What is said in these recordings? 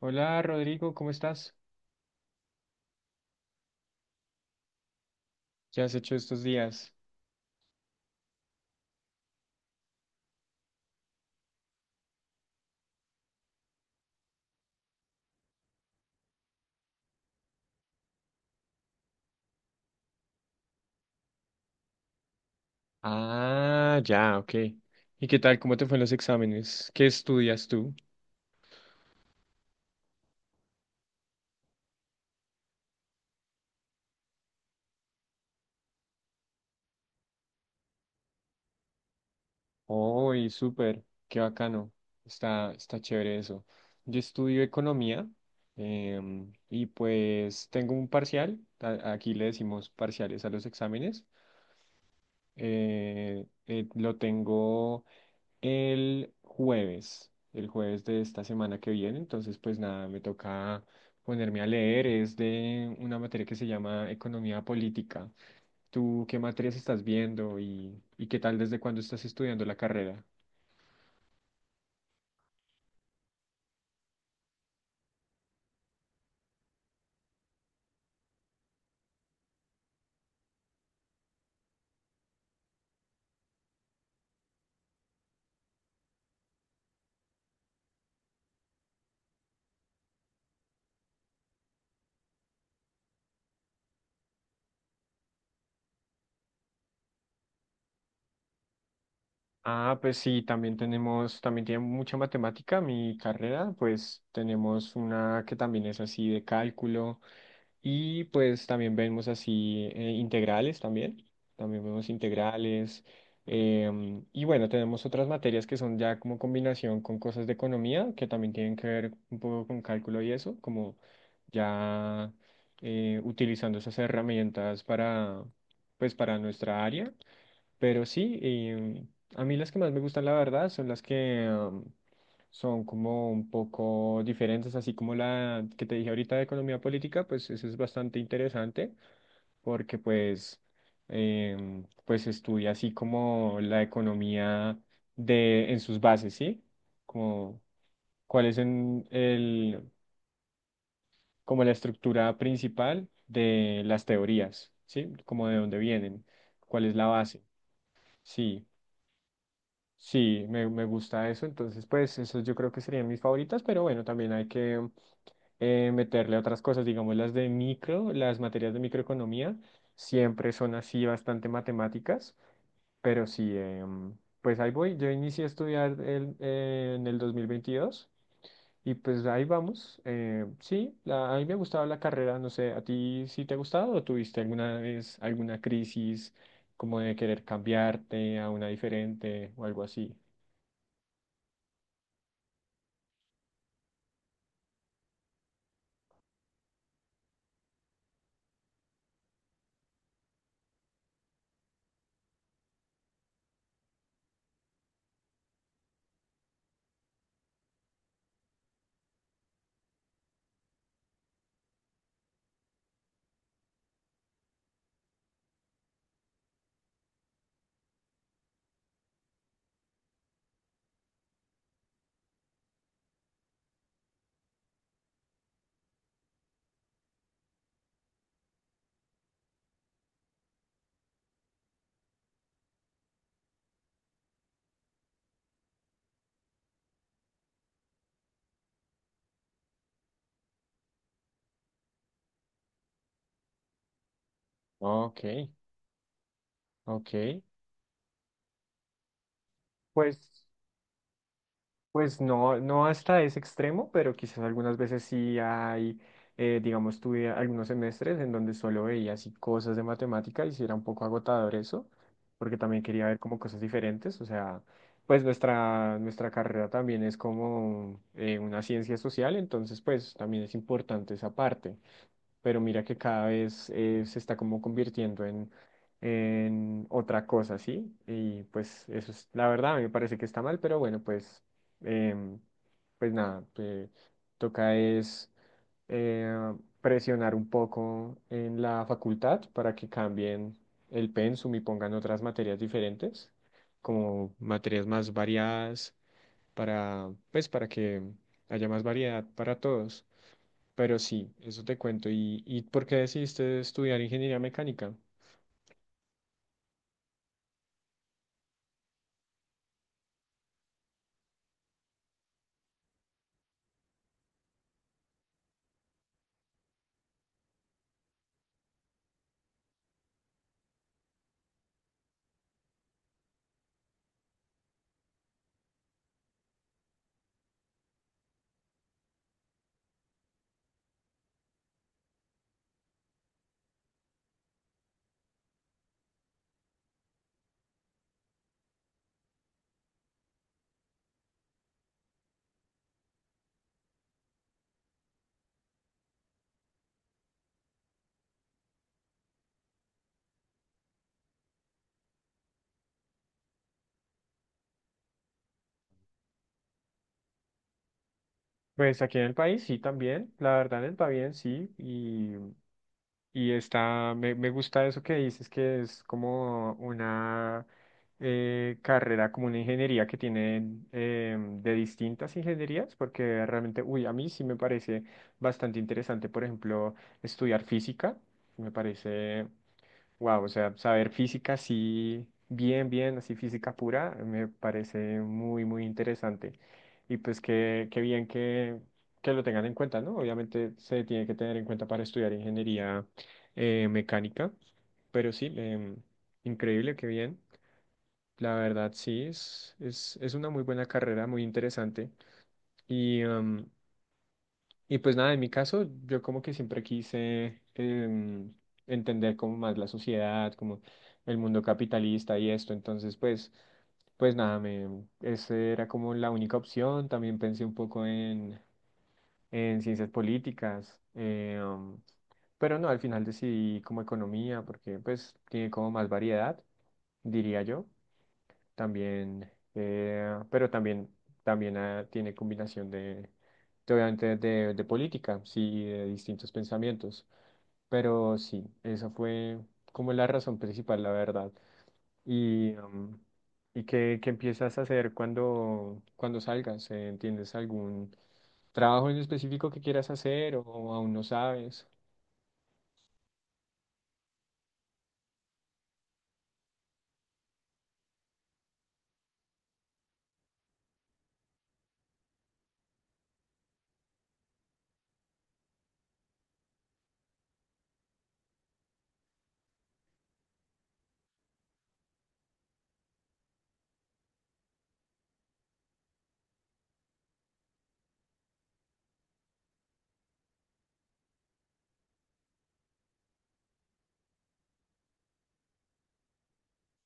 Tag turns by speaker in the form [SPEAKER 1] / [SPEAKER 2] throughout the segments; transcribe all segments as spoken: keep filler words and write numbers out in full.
[SPEAKER 1] Hola Rodrigo, ¿cómo estás? ¿Qué has hecho estos días? Ah, ya, ok. ¿Y qué tal? ¿Cómo te fue en los exámenes? ¿Qué estudias tú? Uy, súper, qué bacano. Está, está chévere eso. Yo estudio economía em, y pues tengo un parcial, a- aquí le decimos parciales a los exámenes. Eh, eh, lo tengo el jueves, el jueves de esta semana que viene. Entonces, pues nada, me toca ponerme a leer. Es de una materia que se llama Economía Política. ¿Tú qué materias estás viendo y, y qué tal desde cuándo estás estudiando la carrera? Ah, pues sí, también tenemos, también tiene mucha matemática mi carrera, pues tenemos una que también es así de cálculo. Y pues también vemos así eh, integrales también, también vemos integrales. Em, y bueno, tenemos otras materias que son ya como combinación con cosas de economía, que también tienen que ver un poco con cálculo y eso, como ya eh, utilizando esas herramientas para, pues, para nuestra área. Pero sí, y a mí las que más me gustan, la verdad, son las que am, son como un poco diferentes, así como la que te dije ahorita de economía política, pues eso es bastante interesante porque pues, em, pues estudia así como la economía de, en sus bases, ¿sí? Como cuál es en el, como la estructura principal de las teorías, ¿sí? Como de dónde vienen, cuál es la base, sí. Sí, me, me gusta eso, entonces pues esos yo creo que serían mis favoritas, pero bueno, también hay que eh, meterle otras cosas, digamos las de micro, las materias de microeconomía, siempre son así bastante matemáticas, pero sí, em, pues ahí voy, yo inicié a estudiar el- eh, en el dos mil veintidós y pues ahí vamos, eh, sí, la- a mí me ha gustado la carrera, no sé, ¿a ti sí te ha gustado o tuviste alguna vez alguna crisis como de querer cambiarte a una diferente o algo así? Ok, ok. Pues, pues no, no hasta ese extremo, pero quizás algunas veces sí hay, eh, digamos, tuve algunos semestres en donde solo veía así cosas de matemática y sí era un poco agotador eso, porque también quería ver como cosas diferentes. O sea, pues nuestra, nuestra carrera también es como eh, una ciencia social, entonces pues también es importante esa parte. Pero mira que cada vez eh, se está como convirtiendo en, en otra cosa, ¿sí? Y pues eso es, la verdad, a mí me parece que está mal, pero bueno, pues, em, pues nada, eh, toca es eh, presionar un poco en la facultad para que cambien el pensum y pongan otras materias diferentes, como materias más variadas para, pues, para que haya más variedad para todos. Pero sí, eso te cuento. ¿Y, y por qué decidiste estudiar ingeniería mecánica? Pues aquí en el país sí también, la verdad en el Pabellón sí, y, y está, me, me gusta eso que dices que es como una eh, carrera, como una ingeniería que tiene eh, de distintas ingenierías, porque realmente, uy, a mí sí me parece bastante interesante, por ejemplo, estudiar física, me parece wow, o sea, saber física así, bien, bien, así física pura, me parece muy, muy interesante. Y pues qué, qué bien que, que lo tengan en cuenta, ¿no? Obviamente se tiene que tener en cuenta para estudiar ingeniería eh, mecánica, pero sí, em, increíble, qué bien. La verdad, sí, es, es, es una muy buena carrera, muy interesante. Y, em, y pues nada, en mi caso, yo como que siempre quise em, entender como más la sociedad, como el mundo capitalista y esto. Entonces, pues, pues nada, me, esa era como la única opción. También pensé un poco en, en ciencias políticas, eh, um, pero no, al final decidí como economía, porque pues tiene como más variedad, diría yo. También, eh, pero también, también ah, tiene combinación de, de, obviamente, de, de política, sí, de distintos pensamientos. Pero sí, esa fue como la razón principal, la verdad. ¿Y, um, ¿y qué, qué empiezas a hacer cuando, cuando salgas? Eh, ¿Tienes algún trabajo en específico que quieras hacer o aún no sabes?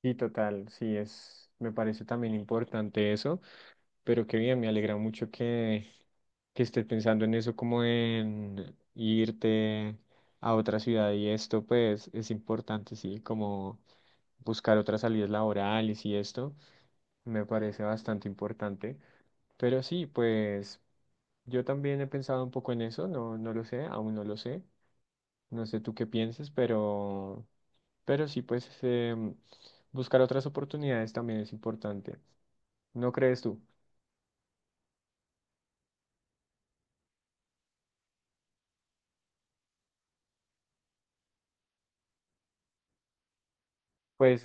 [SPEAKER 1] Sí, total, sí, es, me parece también importante eso, pero qué bien, me alegra mucho que que estés pensando en eso como en irte a otra ciudad y esto, pues es importante, sí, como buscar otras salidas laborales y esto, me parece bastante importante. Pero sí, pues yo también he pensado un poco en eso, no, no lo sé, aún no lo sé, no sé tú qué pienses, pero, pero sí, pues em, buscar otras oportunidades también es importante, ¿no crees tú? Pues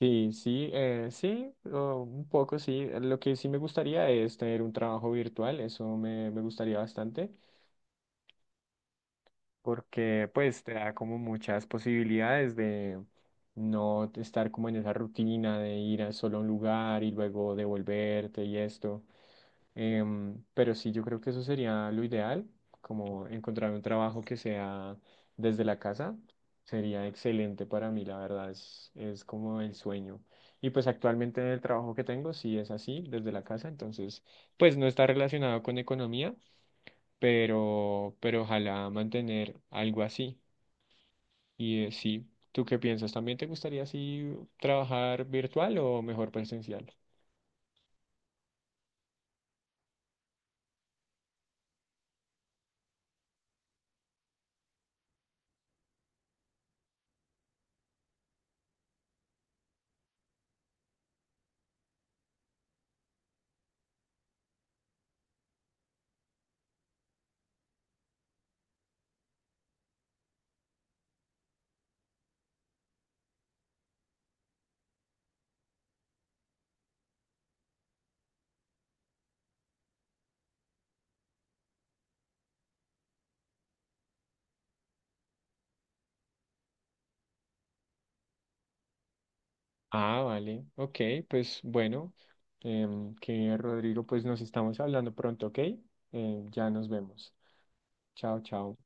[SPEAKER 1] sí, sí, eh, sí, o un poco sí. Eh, lo que sí me gustaría es tener un trabajo virtual, eso me, me gustaría bastante, porque pues te da como muchas posibilidades de no estar como en esa rutina de ir a solo a un lugar y luego devolverte y esto. Em, pero sí, yo creo que eso sería lo ideal, como encontrar un trabajo que sea desde la casa, sería excelente para mí, la verdad, es, es como el sueño. Y pues actualmente en el trabajo que tengo, sí es así, desde la casa, entonces, pues no está relacionado con economía, pero, pero ojalá mantener algo así. Y eh, sí, ¿tú qué piensas? ¿También te gustaría así trabajar virtual o mejor presencial? Ah, vale. Ok, pues bueno, em, que Rodrigo, pues nos estamos hablando pronto, ¿ok? Em, ya nos vemos. Chao, chao.